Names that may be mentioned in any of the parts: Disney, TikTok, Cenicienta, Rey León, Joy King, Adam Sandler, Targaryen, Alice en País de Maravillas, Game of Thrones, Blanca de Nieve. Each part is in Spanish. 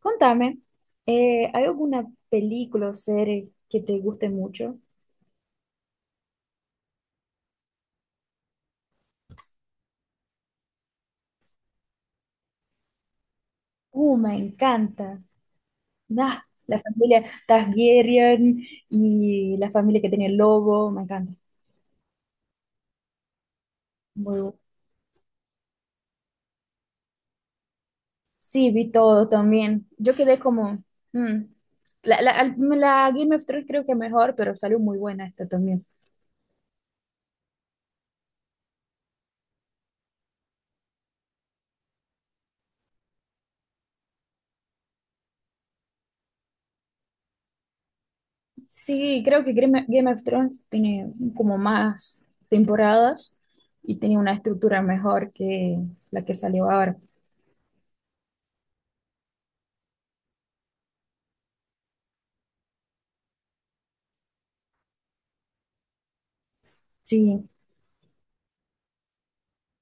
Contame, ¿hay alguna película o serie que te guste mucho? Me encanta. Nah, la familia Targaryen y la familia que tenía el lobo, me encanta. Muy bu- Sí, vi todo también. Yo quedé como... mm. La Game of Thrones creo que mejor, pero salió muy buena esta también. Sí, creo que Game of Thrones tiene como más temporadas y tiene una estructura mejor que la que salió ahora. Sí.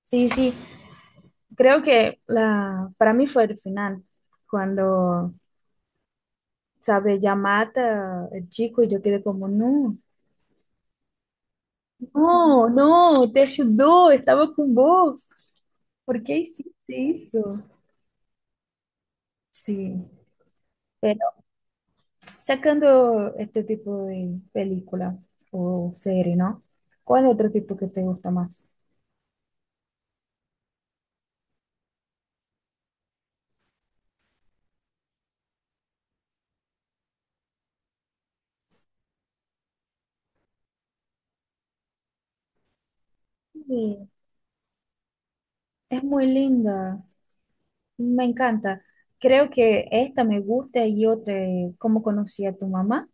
Sí, sí, creo que la, para mí fue el final, cuando, sabe, ya mata el chico y yo quedé como, no, no, no, te ayudó, estaba con vos, ¿por qué hiciste eso? Sí, pero sacando este tipo de película o serie, ¿no? ¿Cuál otro tipo que te gusta más? Sí. Es muy linda, me encanta. Creo que esta me gusta y otra, ¿Cómo conocí a tu mamá?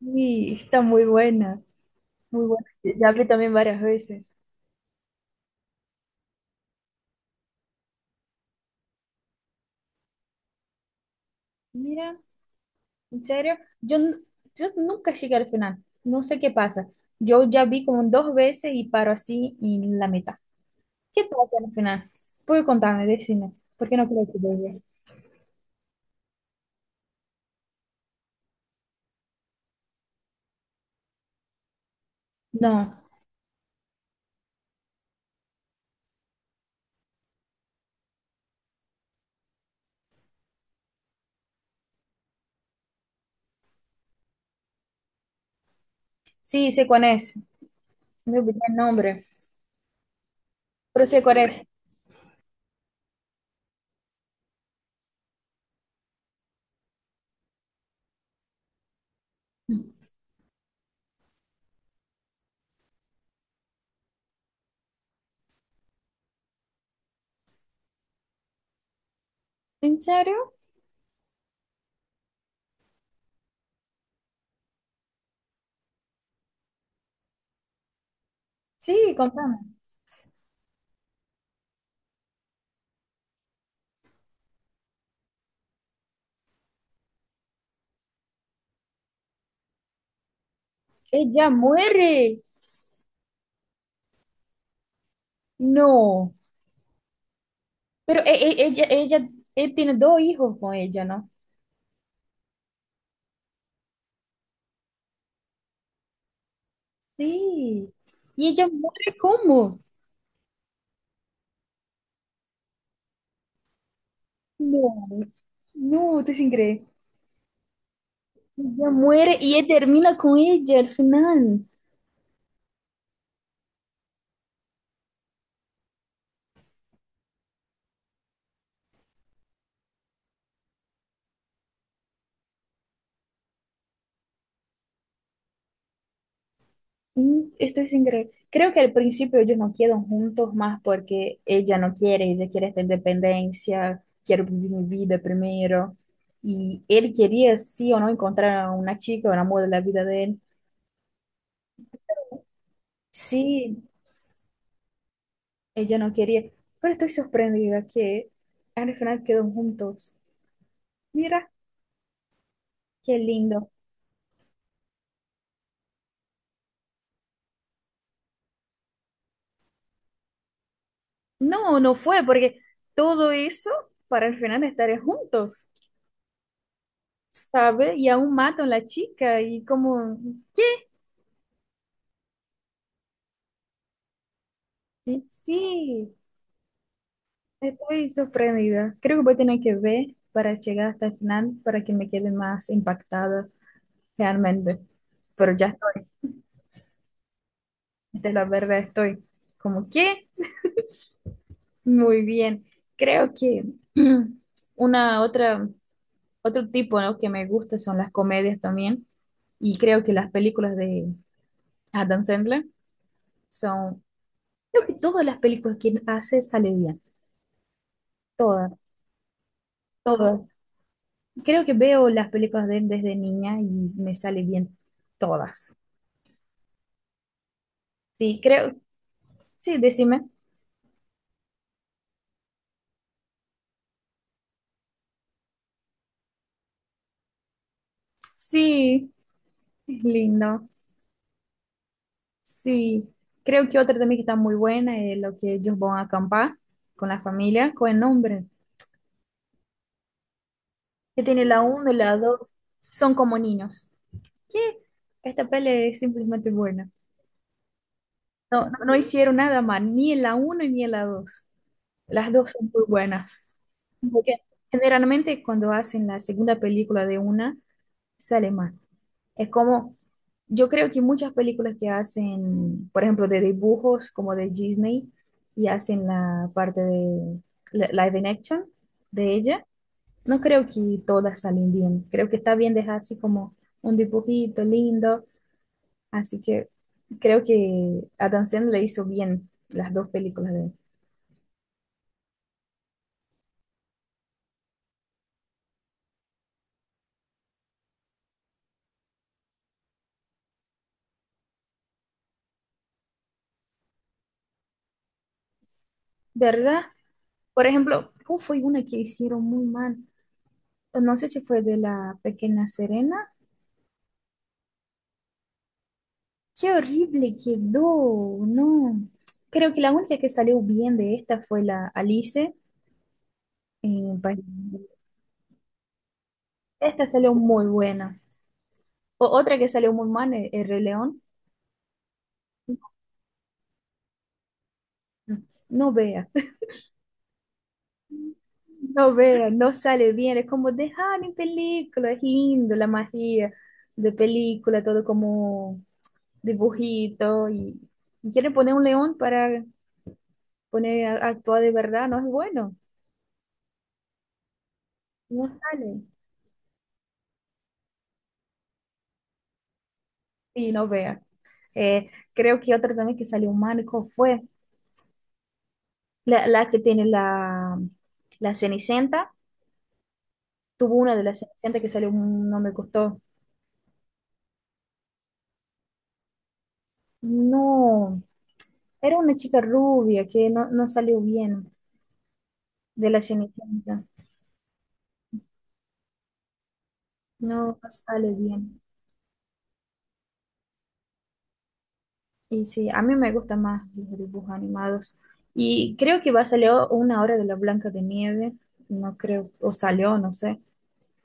Sí, está muy buena, muy buena. Ya vi también varias veces. Mira, en serio, yo, n- yo nunca llegué al final, no sé qué pasa. Yo ya vi como dos veces y paro así en la mitad. ¿Qué pasa al final? Puedes contarme, decime, por qué no creo que lo haya. No, sí, sé cuál es, me olvidé el nombre, pero sé cuál es. ¿En serio? Sí, contame. Ella muere. No. Pero ella, él tiene dos hijos con ella, ¿no? Sí. Y ella muere, ¿cómo? No. No, estoy sin creer. Ella muere y él termina con ella al final. Mm, estoy sin creer. Creo que al principio ellos no quedan juntos más porque ella no quiere, ella quiere esta independencia, quiero vivir mi vida primero. Y él quería, sí o no, encontrar a una chica, un amor de la vida de él. Sí, ella no quería, pero estoy sorprendida que al final quedó juntos. Mira, qué lindo. No, no fue, porque todo eso para al final estar juntos, ¿sabe? Y aún matan a la chica y como, ¿qué? Y sí, estoy sorprendida. Creo que voy a tener que ver para llegar hasta el final para que me quede más impactada realmente. Pero ya estoy, de la verdad estoy como, ¿qué? Muy bien. Creo que una otra otro tipo, ¿no?, que me gusta son las comedias también, y creo que las películas de Adam Sandler son, creo que todas las películas que hace sale bien, todas, todas. Creo que veo las películas de él desde niña y me sale bien todas. Sí, creo, sí, decime. Sí, es lindo. Sí. Creo que otra también que está muy buena es lo que ellos van a acampar con la familia, con el nombre, que tiene la uno y la dos, son como niños. Que esta peli es simplemente buena. No, no, no hicieron nada mal, ni en la uno ni en la dos. Las dos son muy buenas. Porque generalmente cuando hacen la segunda película de una, sale mal. Es como, yo creo que muchas películas que hacen, por ejemplo, de dibujos como de Disney, y hacen la parte de la- live in action de ella, no creo que todas salen bien. Creo que está bien dejar así como un dibujito lindo. Así que creo que Adam Sandler hizo bien las dos películas de él. ¿Verdad? Por ejemplo, ¿cómo fue una que hicieron muy mal? No sé si fue de la Pequeña Serena. Qué horrible quedó, no. Creo que la única que salió bien de esta fue la Alice en País de Maravillas. Esta salió muy buena. Otra que salió muy mal, el Rey León. No, no vea. No vean, no sale bien, es como dejar en película, es lindo la magia de película, todo como dibujito, y quieren poner un león para poner a, actuar de verdad, no es bueno, no sale. Y no vea. Creo que otra también que salió mal, ¿cuál fue la, la que tiene la, la Cenicienta, tuvo una de las Cenicienta que salió, no me gustó. No, era una chica rubia que no, no salió bien de la Cenicienta. No, no sale bien. Y sí, a mí me gustan más los dibujos animados. Y creo que va a salir una hora de la Blanca de Nieve. No creo, o salió, no sé.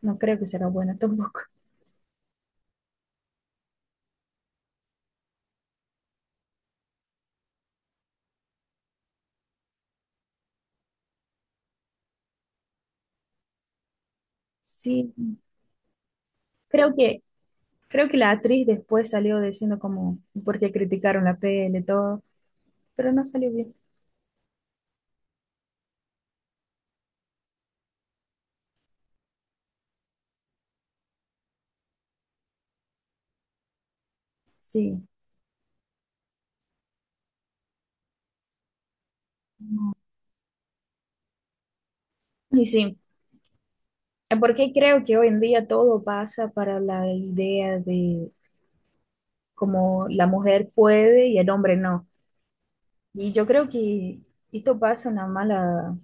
No creo que será buena tampoco. Sí, creo que, creo que la actriz después salió diciendo como porque criticaron la peli y todo, pero no salió bien. Sí, no. Y sí, porque creo que hoy en día todo pasa para la idea de como la mujer puede y el hombre no. Y yo creo que esto pasa una mala,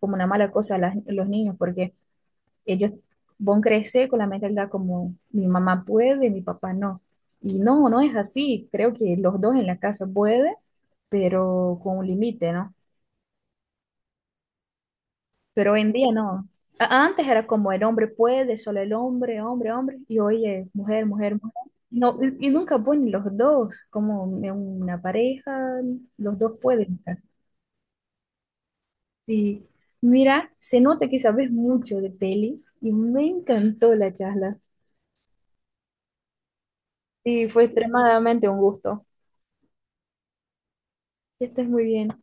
como una mala cosa a las- a los niños, porque ellos van a crecer con la mentalidad como mi mamá puede, mi papá no. Y no, no es así. Creo que los dos en la casa pueden, pero con un límite, ¿no? Pero hoy en día no. A- Antes era como el hombre puede, solo el hombre, hombre, hombre, y hoy es mujer, mujer, mujer. No, y nunca ponen los dos como en una pareja, los dos pueden, ¿no? Sí. Mira, se nota que sabes mucho de peli y me encantó la charla. Sí, fue extremadamente un gusto. Que estés muy bien.